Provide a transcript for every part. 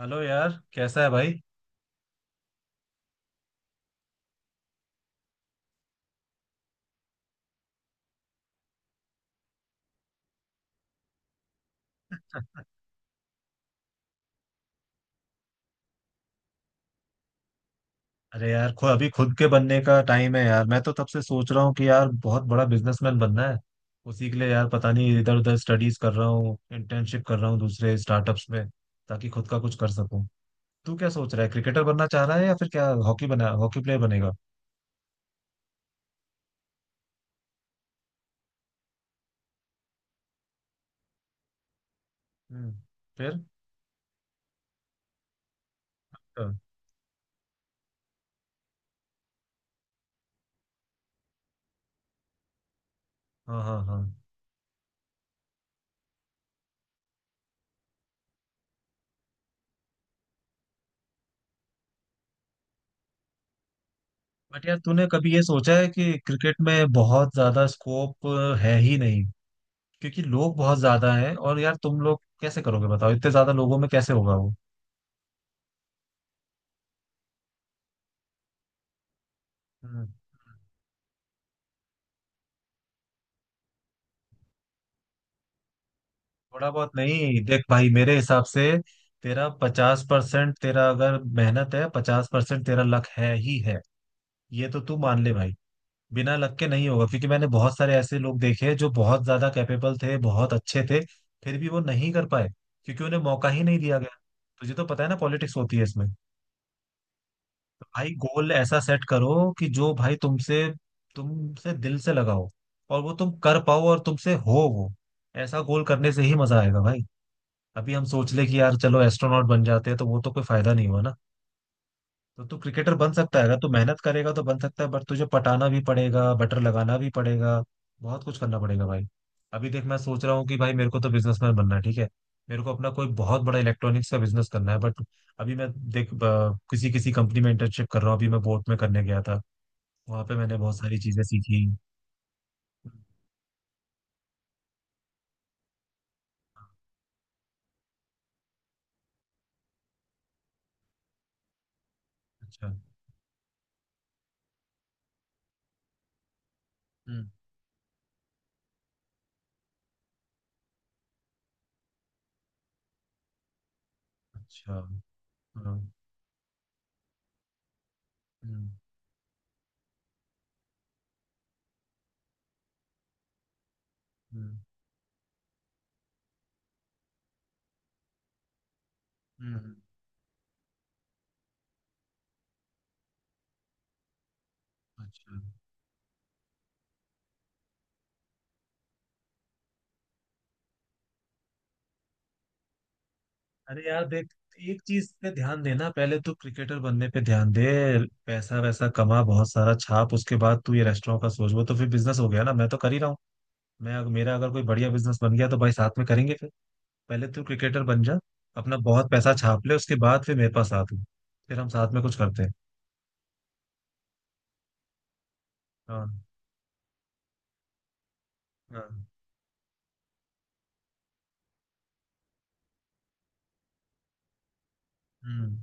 Hello यार, कैसा है भाई। अरे यार, अभी खुद के बनने का टाइम है यार। मैं तो तब से सोच रहा हूँ कि यार, बहुत बड़ा बिजनेसमैन बनना है। उसी के लिए यार, पता नहीं इधर उधर स्टडीज कर रहा हूँ, इंटर्नशिप कर रहा हूँ दूसरे स्टार्टअप्स में, ताकि खुद का कुछ कर सकूँ। तू क्या सोच रहा है? क्रिकेटर बनना चाह रहा है या फिर क्या हॉकी बना, हॉकी प्लेयर बनेगा? हम्म। फिर? हाँ, हाँ, हाँ। बट यार, तूने कभी ये सोचा है कि क्रिकेट में बहुत ज्यादा स्कोप है ही नहीं। क्योंकि लोग बहुत ज्यादा हैं, और यार तुम लोग कैसे करोगे? बताओ, इतने ज्यादा लोगों में कैसे होगा वो? हम्म। थोड़ा बहुत नहीं, देख भाई, मेरे हिसाब से तेरा 50%, तेरा अगर मेहनत है, 50% तेरा लक है ही है। ये तो तू मान ले भाई। बिना लक के नहीं होगा, क्योंकि मैंने बहुत सारे ऐसे लोग देखे हैं जो बहुत ज्यादा कैपेबल थे, बहुत अच्छे थे। फिर भी वो नहीं कर पाए, क्योंकि उन्हें मौका ही नहीं दिया गया। तुझे तो पता है ना, पॉलिटिक्स होती है इसमें। भाई, गोल ऐसा सेट करो कि जो भाई तुमसे तुमसे दिल से लगा हो, और वो तुम कर पाओ और तुमसे हो वो। ऐसा गोल करने से ही मजा आएगा भाई। अभी हम सोच ले कि यार चलो एस्ट्रोनॉट बन जाते हैं, तो वो तो कोई फायदा नहीं हुआ ना। तो तू क्रिकेटर बन सकता है, अगर तू मेहनत करेगा तो बन सकता है, बट तुझे पटाना भी पड़ेगा, बटर लगाना भी पड़ेगा। बहुत कुछ करना पड़ेगा भाई। अभी देख, मैं सोच रहा हूँ कि भाई मेरे को तो बिजनेसमैन बनना है, ठीक है। मेरे को अपना कोई बहुत बड़ा इलेक्ट्रॉनिक्स का बिजनेस करना है, बट अभी मैं देख, किसी किसी कंपनी में इंटर्नशिप कर रहा हूँ। अभी मैं बोट में करने गया था। वहां पे मैंने बहुत सारी चीजें सीखी। अच्छा। हम्म। अच्छा। हाँ। हम्म, हम्म, हम्म। अच्छा। अरे यार देख, एक चीज पे ध्यान देना, पहले तू क्रिकेटर बनने पे ध्यान दे। पैसा वैसा कमा, बहुत सारा छाप, उसके बाद तू ये रेस्टोरेंट का सोच। वो तो फिर बिजनेस हो गया ना, मैं तो कर ही रहा हूँ। मैं अगर- मेरा अगर कोई बढ़िया बिजनेस बन गया तो भाई साथ में करेंगे फिर। पहले तू क्रिकेटर बन जा। अपना बहुत पैसा छाप ले, उसके बाद फिर मेरे पास आ तू। फिर हम साथ में कुछ करते हैं। हाँ, हाँ। हम्म।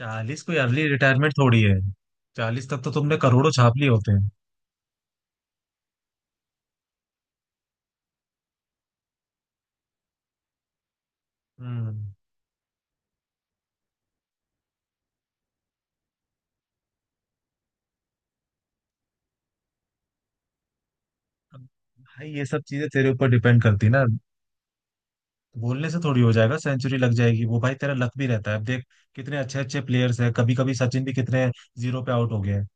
40 कोई अर्ली रिटायरमेंट थोड़ी है। 40 तक तो तुमने करोड़ों छाप लिए होते हैं। हम्म। अब भाई, ये सब चीजें तेरे ऊपर डिपेंड करती है ना। बोलने से थोड़ी हो जाएगा, सेंचुरी लग जाएगी वो, भाई तेरा लक भी रहता है। अब देख, कितने अच्छे अच्छे प्लेयर्स हैं, कभी कभी सचिन भी कितने 0 पे आउट हो गए हैं।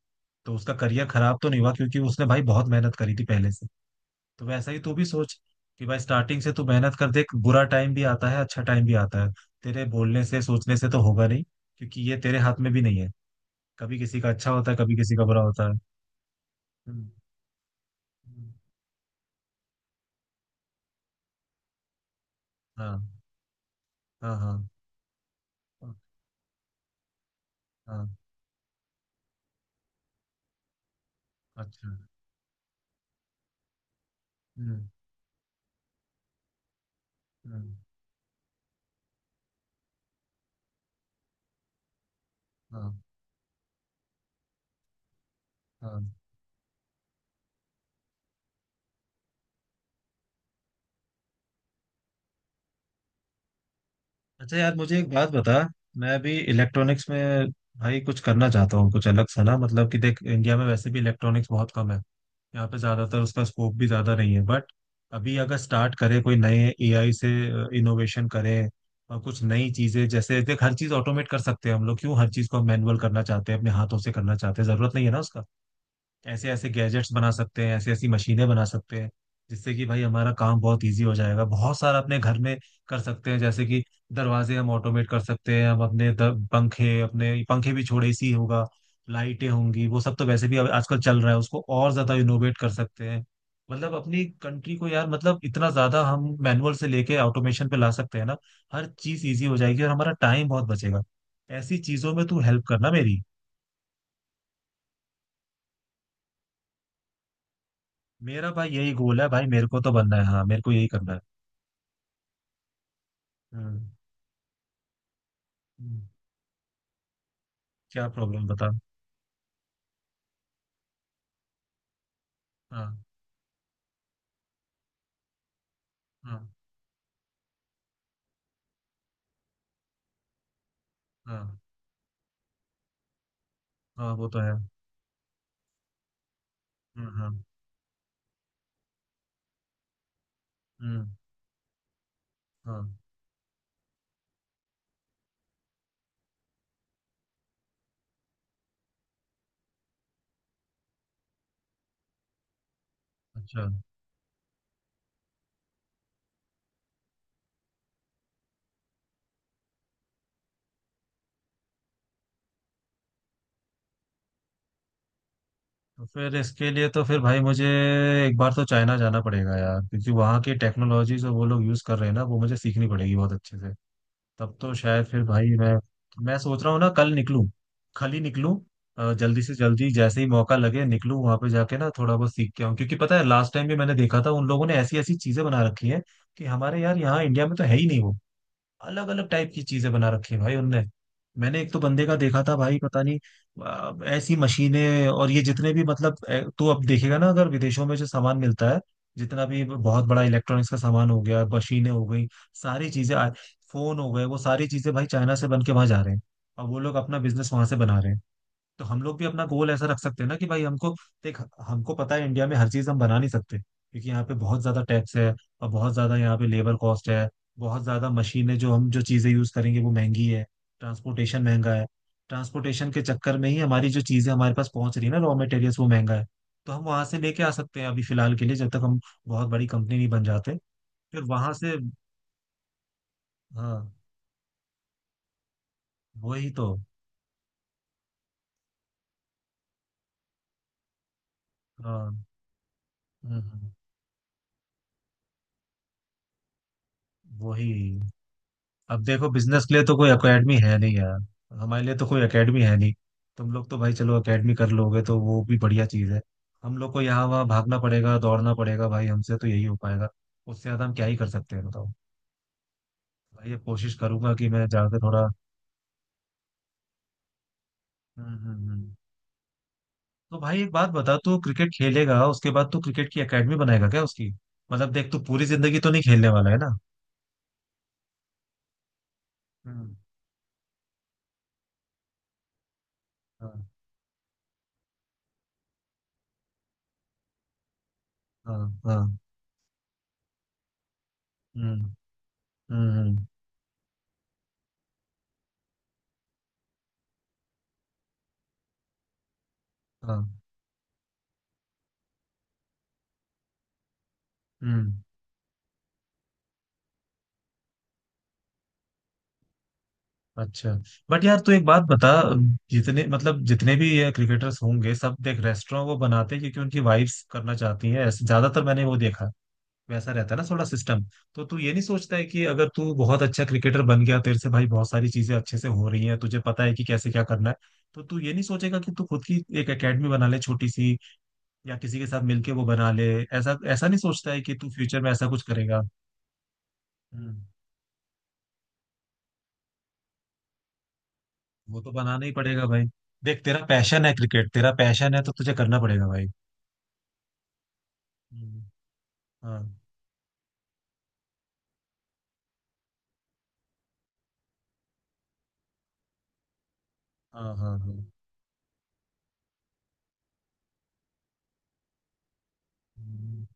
तो उसका करियर खराब तो नहीं हुआ, क्योंकि उसने भाई बहुत मेहनत करी थी पहले से। तो वैसा ही तू भी सोच। कि भाई, स्टार्टिंग से तू मेहनत कर, देख बुरा टाइम भी आता है, अच्छा टाइम भी आता है। तेरे बोलने से, सोचने से तो होगा नहीं। क्योंकि ये तेरे हाथ में भी नहीं है। कभी किसी का अच्छा होता है, कभी किसी का बुरा होता है। हम्म, हम्म। हाँ, हाँ, हाँ, हाँ। अच्छा। हम्म, हम्म। हाँ, हाँ। अच्छा यार, मुझे एक बात बता। मैं अभी इलेक्ट्रॉनिक्स में भाई कुछ करना चाहता हूँ, कुछ अलग सा ना। मतलब कि देख, इंडिया में वैसे भी इलेक्ट्रॉनिक्स बहुत कम है। यहाँ पे ज़्यादातर उसका स्कोप भी ज़्यादा नहीं है, बट अभी अगर स्टार्ट करें कोई नए एआई से इनोवेशन करें और कुछ नई चीज़ें। जैसे देख, हर चीज़ ऑटोमेट कर सकते हैं हम लोग, क्यों हर चीज़ को मैनुअल करना चाहते हैं, अपने हाथों से करना चाहते हैं? ज़रूरत नहीं है ना उसका। ऐसे ऐसे गैजेट्स बना सकते हैं, ऐसी ऐसी मशीनें बना सकते हैं, जिससे कि भाई हमारा काम बहुत इजी हो जाएगा, बहुत सारा अपने घर में कर सकते हैं। जैसे कि दरवाजे हम ऑटोमेट कर सकते हैं, हम अपने पंखे, अपने पंखे भी छोड़े सी होगा, लाइटें होंगी, वो सब तो वैसे भी अब आजकल चल रहा है, उसको और ज्यादा इनोवेट कर सकते हैं। मतलब अपनी कंट्री को यार, मतलब इतना ज्यादा हम मैनुअल से लेके ऑटोमेशन पे ला सकते हैं ना। हर चीज इजी हो जाएगी और हमारा टाइम बहुत बचेगा। ऐसी चीजों में तू हेल्प करना मेरी। मेरा भाई यही गोल है, भाई मेरे को तो बनना है। हाँ, मेरे को यही करना है। हम्म, हम्म। क्या प्रॉब्लम बता। हाँ, हाँ, हाँ, हाँ। वो तो है। हम्म। हाँ। हम्म। हाँ। अच्छा। तो फिर इसके लिए तो फिर भाई, मुझे एक बार तो चाइना जाना पड़ेगा यार, क्योंकि वहाँ की टेक्नोलॉजी जो वो लोग यूज़ कर रहे हैं ना, वो मुझे सीखनी पड़ेगी बहुत अच्छे से। तब तो शायद फिर भाई, मैं सोच रहा हूँ ना, कल निकलूं। कल ही निकलूं। जल्दी से जल्दी जैसे ही मौका लगे निकलूं, वहां पे जाके ना थोड़ा बहुत सीख के आऊं। क्योंकि पता है, लास्ट टाइम भी मैंने देखा था उन लोगों ने ऐसी ऐसी चीजें बना रखी है। कि हमारे यार यहाँ इंडिया में तो है ही नहीं वो। अलग अलग टाइप की चीजें बना रखी है भाई उनने। मैंने एक तो बंदे का देखा था भाई, पता नहीं। ऐसी मशीनें और ये जितने भी, मतलब तो अब देखेगा ना, अगर विदेशों में जो सामान मिलता है, जितना भी बहुत बड़ा इलेक्ट्रॉनिक्स का सामान हो गया, मशीनें हो गई, सारी चीजें, फोन हो गए, वो सारी चीजें भाई चाइना से बन के वहां जा रहे हैं। और वो लोग अपना बिजनेस वहां से बना रहे हैं। तो हम लोग भी अपना गोल ऐसा रख सकते हैं ना, कि भाई हमको देख, हमको पता है इंडिया में हर चीज हम बना नहीं सकते, क्योंकि यहाँ पे बहुत ज्यादा टैक्स है। और बहुत ज्यादा यहाँ पे लेबर कॉस्ट है। बहुत ज्यादा मशीनें, जो हम जो चीजें यूज करेंगे वो महंगी है। ट्रांसपोर्टेशन महंगा है। ट्रांसपोर्टेशन के चक्कर में ही हमारी जो चीजें हमारे पास पहुंच रही है ना, रॉ मटेरियल्स, वो महंगा है। तो हम वहां से लेके आ सकते हैं अभी फिलहाल के लिए, जब तक हम बहुत बड़ी कंपनी नहीं बन जाते। फिर वहां से। हाँ। वही तो। हाँ। हम्म। वही। अब देखो, बिजनेस के लिए तो कोई एकेडमी है नहीं यार। हमारे लिए तो कोई एकेडमी है नहीं। तुम लोग तो भाई चलो एकेडमी कर लोगे, तो वो भी बढ़िया चीज़ है। हम लोग को यहाँ वहाँ भागना पड़ेगा, दौड़ना पड़ेगा, भाई हमसे तो यही हो पाएगा। उससे ज़्यादा हम क्या ही कर सकते हैं, बताओ। भाई, ये कोशिश करूंगा कि मैं जाकर थोड़ा। हम्म, हम्म, तो भाई, एक बात बता, तू क्रिकेट खेलेगा उसके बाद तू क्रिकेट की एकेडमी बनाएगा क्या? उसकी, मतलब देख, तू पूरी जिंदगी तो नहीं खेलने वाला है ना। हम्म। हाँ, हाँ, हाँ। हम्म, हम्म, हम्म। हाँ। हम्म। अच्छा। बट यार, तू एक बात बता। जितने, मतलब, जितने भी ये क्रिकेटर्स होंगे, सब देख रेस्टोरेंट वो बनाते हैं, क्योंकि उनकी वाइफ्स करना चाहती हैं, ऐसे ज्यादातर मैंने वो देखा। वैसा रहता है ना थोड़ा सिस्टम। तो तू ये नहीं सोचता है कि अगर तू बहुत अच्छा क्रिकेटर बन गया, तेरे से भाई बहुत सारी चीजें अच्छे से हो रही हैं, तुझे पता है कि कैसे क्या करना है। तो तू ये नहीं सोचेगा कि तू खुद की एक एकेडमी बना ले, छोटी सी, या किसी के साथ मिलके वो बना ले? ऐसा ऐसा नहीं सोचता है कि तू फ्यूचर में ऐसा कुछ करेगा? हम्म। वो तो बनाना ही पड़ेगा भाई। देख, तेरा पैशन है क्रिकेट, तेरा पैशन है तो तुझे करना पड़ेगा भाई। हम्म। हाँ, हाँ, हाँ, हाँ। हम्म।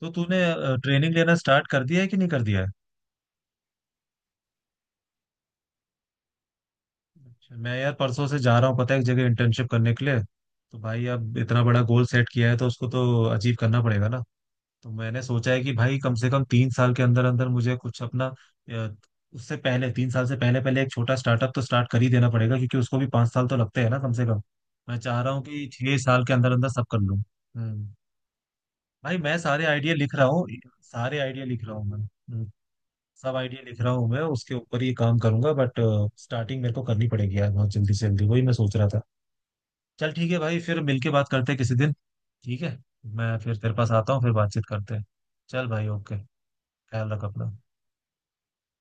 तो तूने ट्रेनिंग लेना स्टार्ट कर दिया है कि नहीं कर दिया है? अच्छा, मैं यार परसों से जा रहा हूँ, पता है? एक जगह इंटर्नशिप करने के लिए। तो भाई अब इतना बड़ा गोल सेट किया है, तो उसको तो अचीव करना पड़ेगा ना। तो मैंने सोचा है कि भाई कम से कम 3 साल के अंदर अंदर मुझे कुछ अपना। अ, उससे पहले, 3 साल से पहले पहले एक छोटा स्टार्टअप तो स्टार्ट कर ही देना पड़ेगा, क्योंकि उसको भी 5 साल तो लगते हैं ना, कम से कम। मैं चाह रहा हूँ कि 6 साल के अंदर अंदर सब कर लूँ। हम्म। भाई, मैं सारे आइडिया लिख रहा हूँ। सारे आइडिया लिख रहा हूँ मैं। हम्म। सब आइडिया लिख रहा हूँ मैं, उसके ऊपर ही काम करूंगा, बट स्टार्टिंग मेरे को करनी पड़ेगी यार बहुत जल्दी से जल्दी, वही मैं सोच रहा था। चल ठीक है भाई, फिर मिलके बात करते हैं किसी दिन। ठीक है। मैं फिर तेरे पास आता हूँ, फिर बातचीत करते हैं। चल भाई, ओके। ख्याल रख अपना।